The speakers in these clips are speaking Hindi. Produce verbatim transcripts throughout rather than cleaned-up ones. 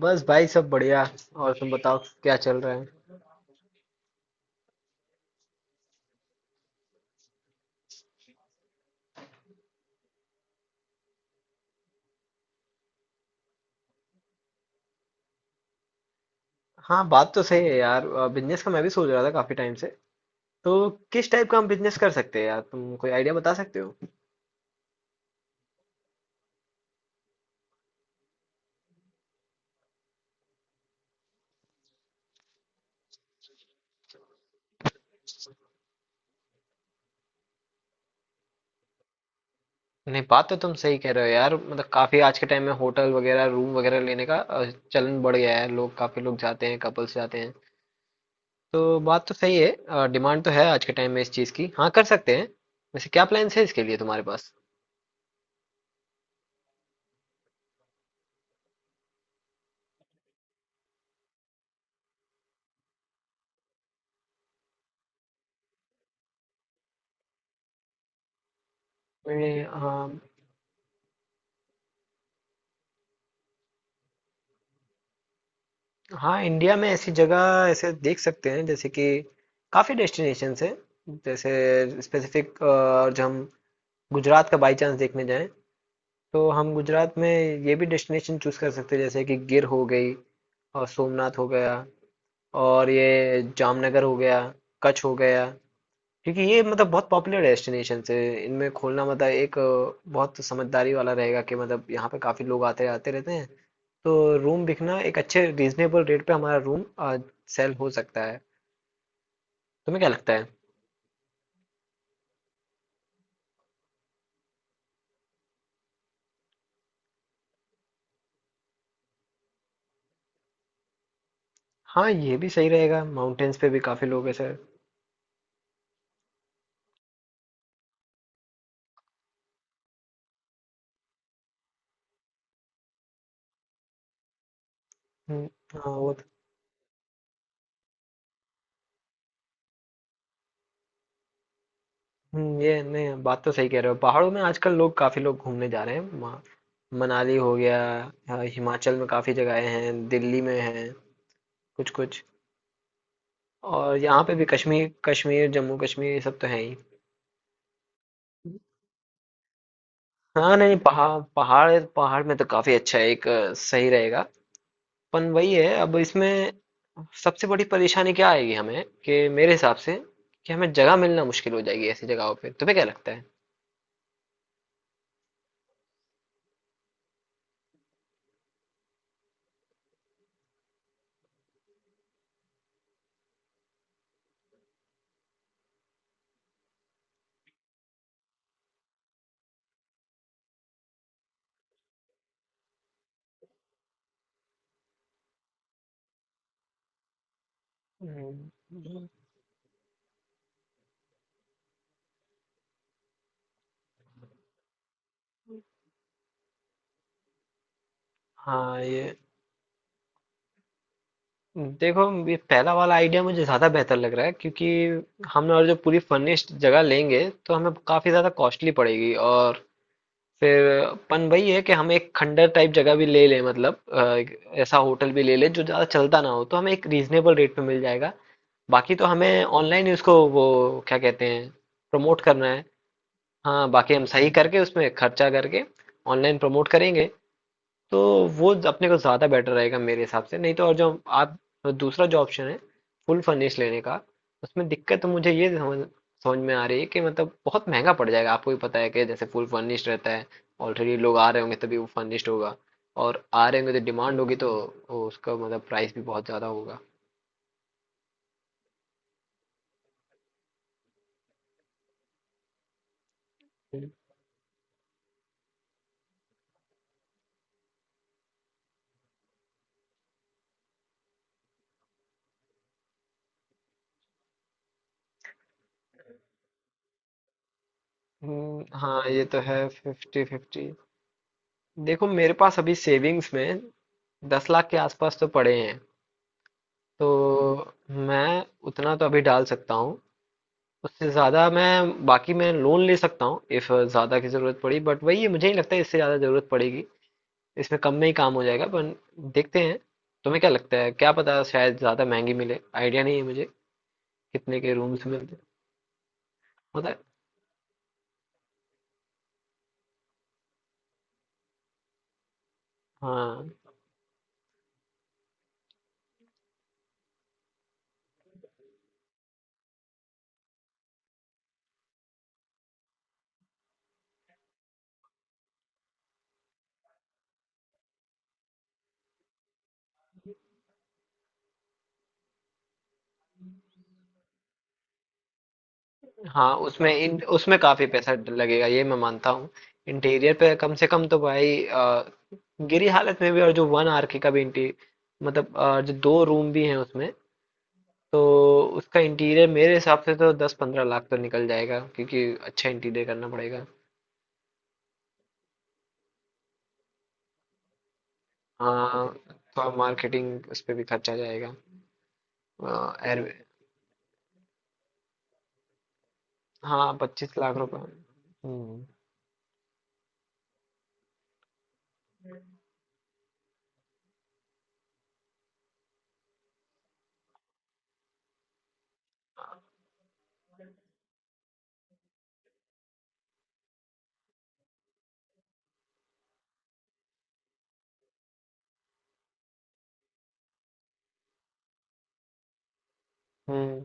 बस भाई सब बढ़िया। और तुम बताओ, क्या चल रहा है? हाँ, बात तो सही है यार। बिजनेस का मैं भी सोच रहा था काफी टाइम से। तो किस टाइप का हम बिजनेस कर सकते हैं यार, तुम कोई आइडिया बता सकते हो? नहीं, बात तो तुम सही कह रहे हो यार। मतलब काफी आज के टाइम में होटल वगैरह रूम वगैरह लेने का अ, चलन बढ़ गया है। लोग, काफी लोग जाते हैं, कपल्स जाते हैं। तो बात तो सही है, डिमांड तो है आज के टाइम में इस चीज की। हाँ, कर सकते हैं। वैसे क्या प्लान्स है इसके लिए तुम्हारे पास? ए, हाँ। हाँ, इंडिया में ऐसी जगह ऐसे देख सकते हैं, जैसे कि काफ़ी डेस्टिनेशंस हैं। जैसे स्पेसिफिक जो हम गुजरात का बाई चांस देखने जाएं, तो हम गुजरात में ये भी डेस्टिनेशन चूज कर सकते हैं। जैसे कि गिर हो गई, और सोमनाथ हो गया, और ये जामनगर हो गया, कच्छ हो गया। क्योंकि ये मतलब बहुत पॉपुलर डेस्टिनेशन है, इनमें खोलना मतलब एक अ, बहुत समझदारी वाला रहेगा, कि मतलब यहाँ पे काफी लोग आते आते रहते हैं। तो रूम बिकना, एक अच्छे रीजनेबल रेट पे हमारा रूम सेल हो सकता है। तुम्हें क्या लगता है? हाँ, ये भी सही रहेगा, माउंटेन्स पे भी काफी लोग ऐसे। हम्म, हाँ। वो तो- हम्म, ये नहीं, बात तो सही कह रहे हो। पहाड़ों में आजकल लोग, काफी लोग घूमने जा रहे हैं वहाँ। मनाली हो गया, अ, हिमाचल में काफी जगहें हैं, दिल्ली में हैं कुछ कुछ। और यहाँ पे भी कश्मीर, कश्मीर जम्मू कश्मीर, ये सब तो है ही। हाँ नहीं, पहाड़ पहाड़ पहाड़ में तो काफी अच्छा है, एक अ, सही रहेगा। पन वही है, अब इसमें सबसे बड़ी परेशानी क्या आएगी हमें, कि मेरे हिसाब से, कि हमें जगह मिलना मुश्किल हो जाएगी ऐसी जगहों पे। तुम्हें क्या लगता है? हम्म, हाँ। ये देखो, ये पहला वाला आइडिया मुझे ज़्यादा बेहतर लग रहा है, क्योंकि हम और जो पूरी फर्निश्ड जगह लेंगे तो हमें काफ़ी ज़्यादा कॉस्टली पड़ेगी। और फिर अपन वही है कि हम एक खंडर टाइप जगह भी ले लें, मतलब अ, एक ऐसा होटल भी ले लें जो ज़्यादा चलता ना हो, तो हमें एक रीजनेबल रेट पे मिल जाएगा। बाकी तो हमें ऑनलाइन ही उसको, वो क्या कहते हैं, प्रमोट करना है। हाँ, बाकी हम सही करके, उसमें खर्चा करके, ऑनलाइन प्रमोट करेंगे, तो वो अपने को ज़्यादा बेटर रहेगा मेरे हिसाब से। नहीं तो और जो आप, दूसरा जो ऑप्शन है, फुल फर्निश लेने का, उसमें दिक्कत तो मुझे ये समझ समझ में आ रही है कि मतलब बहुत महंगा पड़ जाएगा। आपको भी पता है कि जैसे फुल फर्निश्ड रहता है, ऑलरेडी लोग आ रहे होंगे तभी वो फर्निश्ड होगा, और आ रहे होंगे तो डिमांड होगी, तो वो उसका मतलब प्राइस भी बहुत ज़्यादा होगा। हम्म, हाँ, ये तो है, फिफ्टी फिफ्टी। देखो, मेरे पास अभी सेविंग्स में दस लाख के आसपास तो पड़े हैं। तो मैं उतना तो अभी डाल सकता हूँ, उससे ज़्यादा मैं बाकी मैं लोन ले सकता हूँ इफ़ ज़्यादा की ज़रूरत पड़ी। बट वही है, मुझे नहीं लगता है इससे ज़्यादा ज़रूरत पड़ेगी, इसमें कम में ही काम हो जाएगा। पर देखते हैं, तुम्हें क्या लगता है? क्या पता शायद ज़्यादा महंगी मिले, आइडिया नहीं है मुझे कितने के रूम्स मिलते होता है। हाँ, हाँ। उसमें इन उसमें काफ़ी पैसा लगेगा, ये मैं मानता हूँ। इंटीरियर पे कम से कम तो भाई अ, गिरी हालत में भी, और जो वन आर के का भी इंटीरियर, मतलब अ, जो दो रूम भी हैं उसमें, तो उसका इंटीरियर मेरे हिसाब से तो दस पंद्रह लाख तो निकल जाएगा, क्योंकि अच्छा इंटीरियर करना पड़ेगा। हाँ, थोड़ा मार्केटिंग उस पे भी खर्चा जाएगा। एयर हाँ, पच्चीस लाख रुपए। हम्म। हम्म।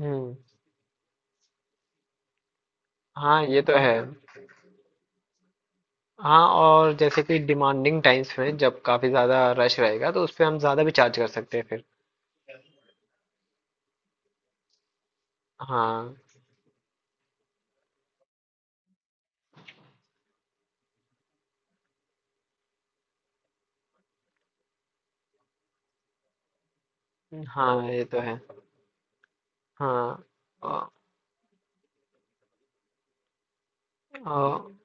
हम्म। हाँ, ये तो है। हाँ, और जैसे कि डिमांडिंग टाइम्स में जब काफी ज्यादा रश रहेगा, तो उस पे हम ज्यादा भी चार्ज कर सकते हैं फिर। हाँ। हाँ, ये तो है। हाँ। औ- औ-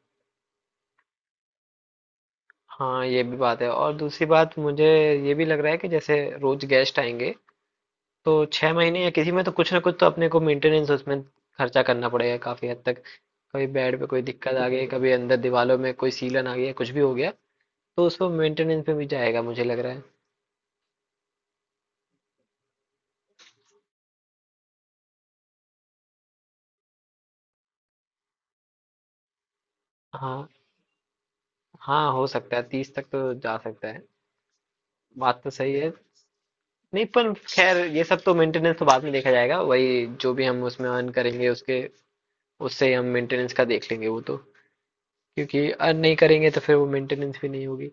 हाँ, ये भी बात है, और दूसरी बात मुझे ये भी लग रहा है कि जैसे रोज गेस्ट आएंगे, तो छह महीने या किसी में तो कुछ ना कुछ तो अपने को मेंटेनेंस, उसमें खर्चा करना पड़ेगा काफी हद तक। कभी बेड पे कोई दिक्कत आ गई, कभी अंदर दीवारों में कोई सीलन आ गया, कुछ भी हो गया, तो उसको मेंटेनेंस में भी जाएगा मुझे लग रहा है। हाँ। हाँ, हो सकता है, तीस तक तो जा सकता है। बात तो सही है। नहीं पर खैर, ये सब तो मेंटेनेंस तो बाद में देखा जाएगा, वही जो भी हम उसमें अर्न करेंगे उसके, उससे ही हम मेंटेनेंस का देख लेंगे वो तो। क्योंकि अर्न नहीं करेंगे तो फिर वो मेंटेनेंस भी नहीं होगी।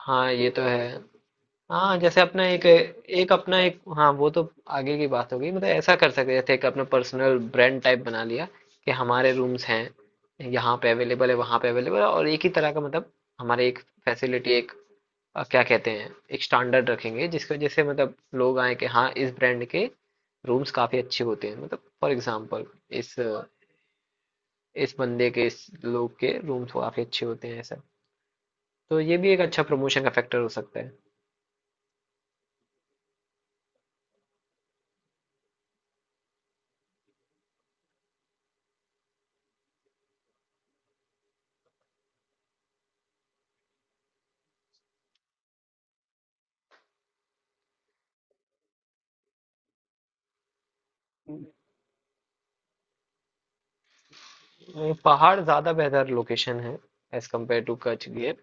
हाँ, ये तो है। हाँ, जैसे अपना एक एक अपना एक हाँ, वो तो आगे की बात होगी। मतलब ऐसा कर सकते हैं, जैसे एक अपना पर्सनल ब्रांड टाइप बना लिया, कि हमारे रूम्स हैं, यहाँ पे अवेलेबल है, वहाँ पे अवेलेबल है, और एक ही तरह का, मतलब हमारे एक फैसिलिटी, एक अ, क्या कहते हैं, एक स्टैंडर्ड रखेंगे, जिसकी वजह से मतलब लोग आए कि हाँ, इस ब्रांड के रूम्स काफी अच्छे होते हैं, मतलब फॉर एग्जाम्पल इस इस बंदे के, इस लोग के रूम्स काफी अच्छे होते हैं, ऐसा। तो ये भी एक अच्छा प्रमोशन का फैक्टर हो सकता है। नहीं, पहाड़ ज़्यादा बेहतर लोकेशन है as compare to Kutch Gir,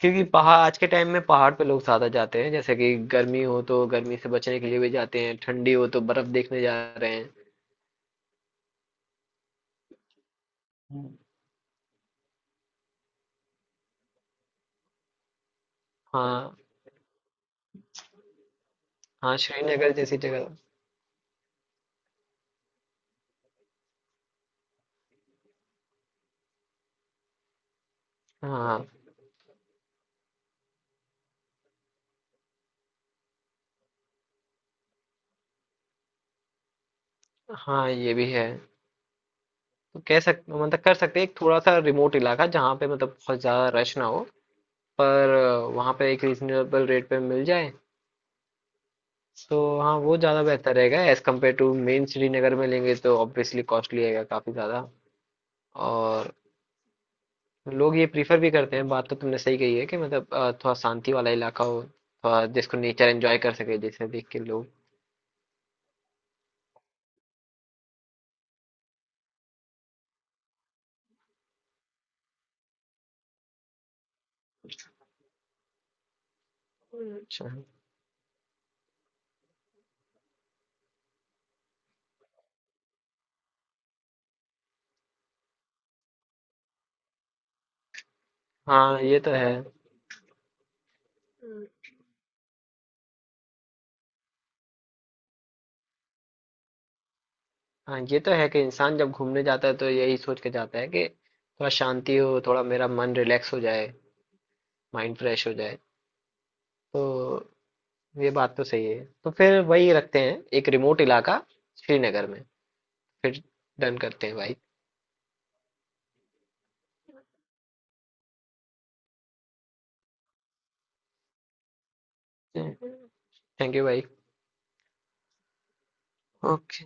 क्योंकि पहाड़, आज के टाइम में पहाड़ पे लोग ज़्यादा जाते हैं, जैसे कि गर्मी हो तो गर्मी से बचने के लिए भी जाते हैं, ठंडी हो तो बर्फ़ देखने जा रहे हैं। हम्म। हाँ। हाँ, श्रीनगर जैसी जगह। हाँ। हाँ, ये भी है। तो कह सक मतलब कर सकते हैं एक थोड़ा सा रिमोट इलाका, जहाँ पे मतलब बहुत ज़्यादा रश ना हो, पर वहाँ पे एक रीजनेबल रेट पे मिल जाए, तो हाँ, वो ज़्यादा बेहतर रहेगा। As compare to main Srinagar में लेंगे तो ऑब्वियसली कॉस्टली रहेगा काफ़ी ज़्यादा। और लोग ये प्रीफर भी करते हैं, बात तो तुमने सही कही है, कि मतलब अ, थोड़ा शांति वाला इलाका हो, थोड़ा जिसको नेचर एंजॉय कर सके जैसे देख के लोग। अच्छा। हाँ, ये तो है। हाँ, ये तो है, कि इंसान जब घूमने जाता है तो यही सोच के जाता है कि थोड़ा शांति हो, थोड़ा मेरा मन रिलैक्स हो जाए, माइंड फ्रेश हो जाए। तो ये बात तो सही है, तो फिर वही रखते हैं, एक रिमोट इलाका, श्रीनगर में। फिर डन करते हैं भाई। थैंक यू भाई। ओके।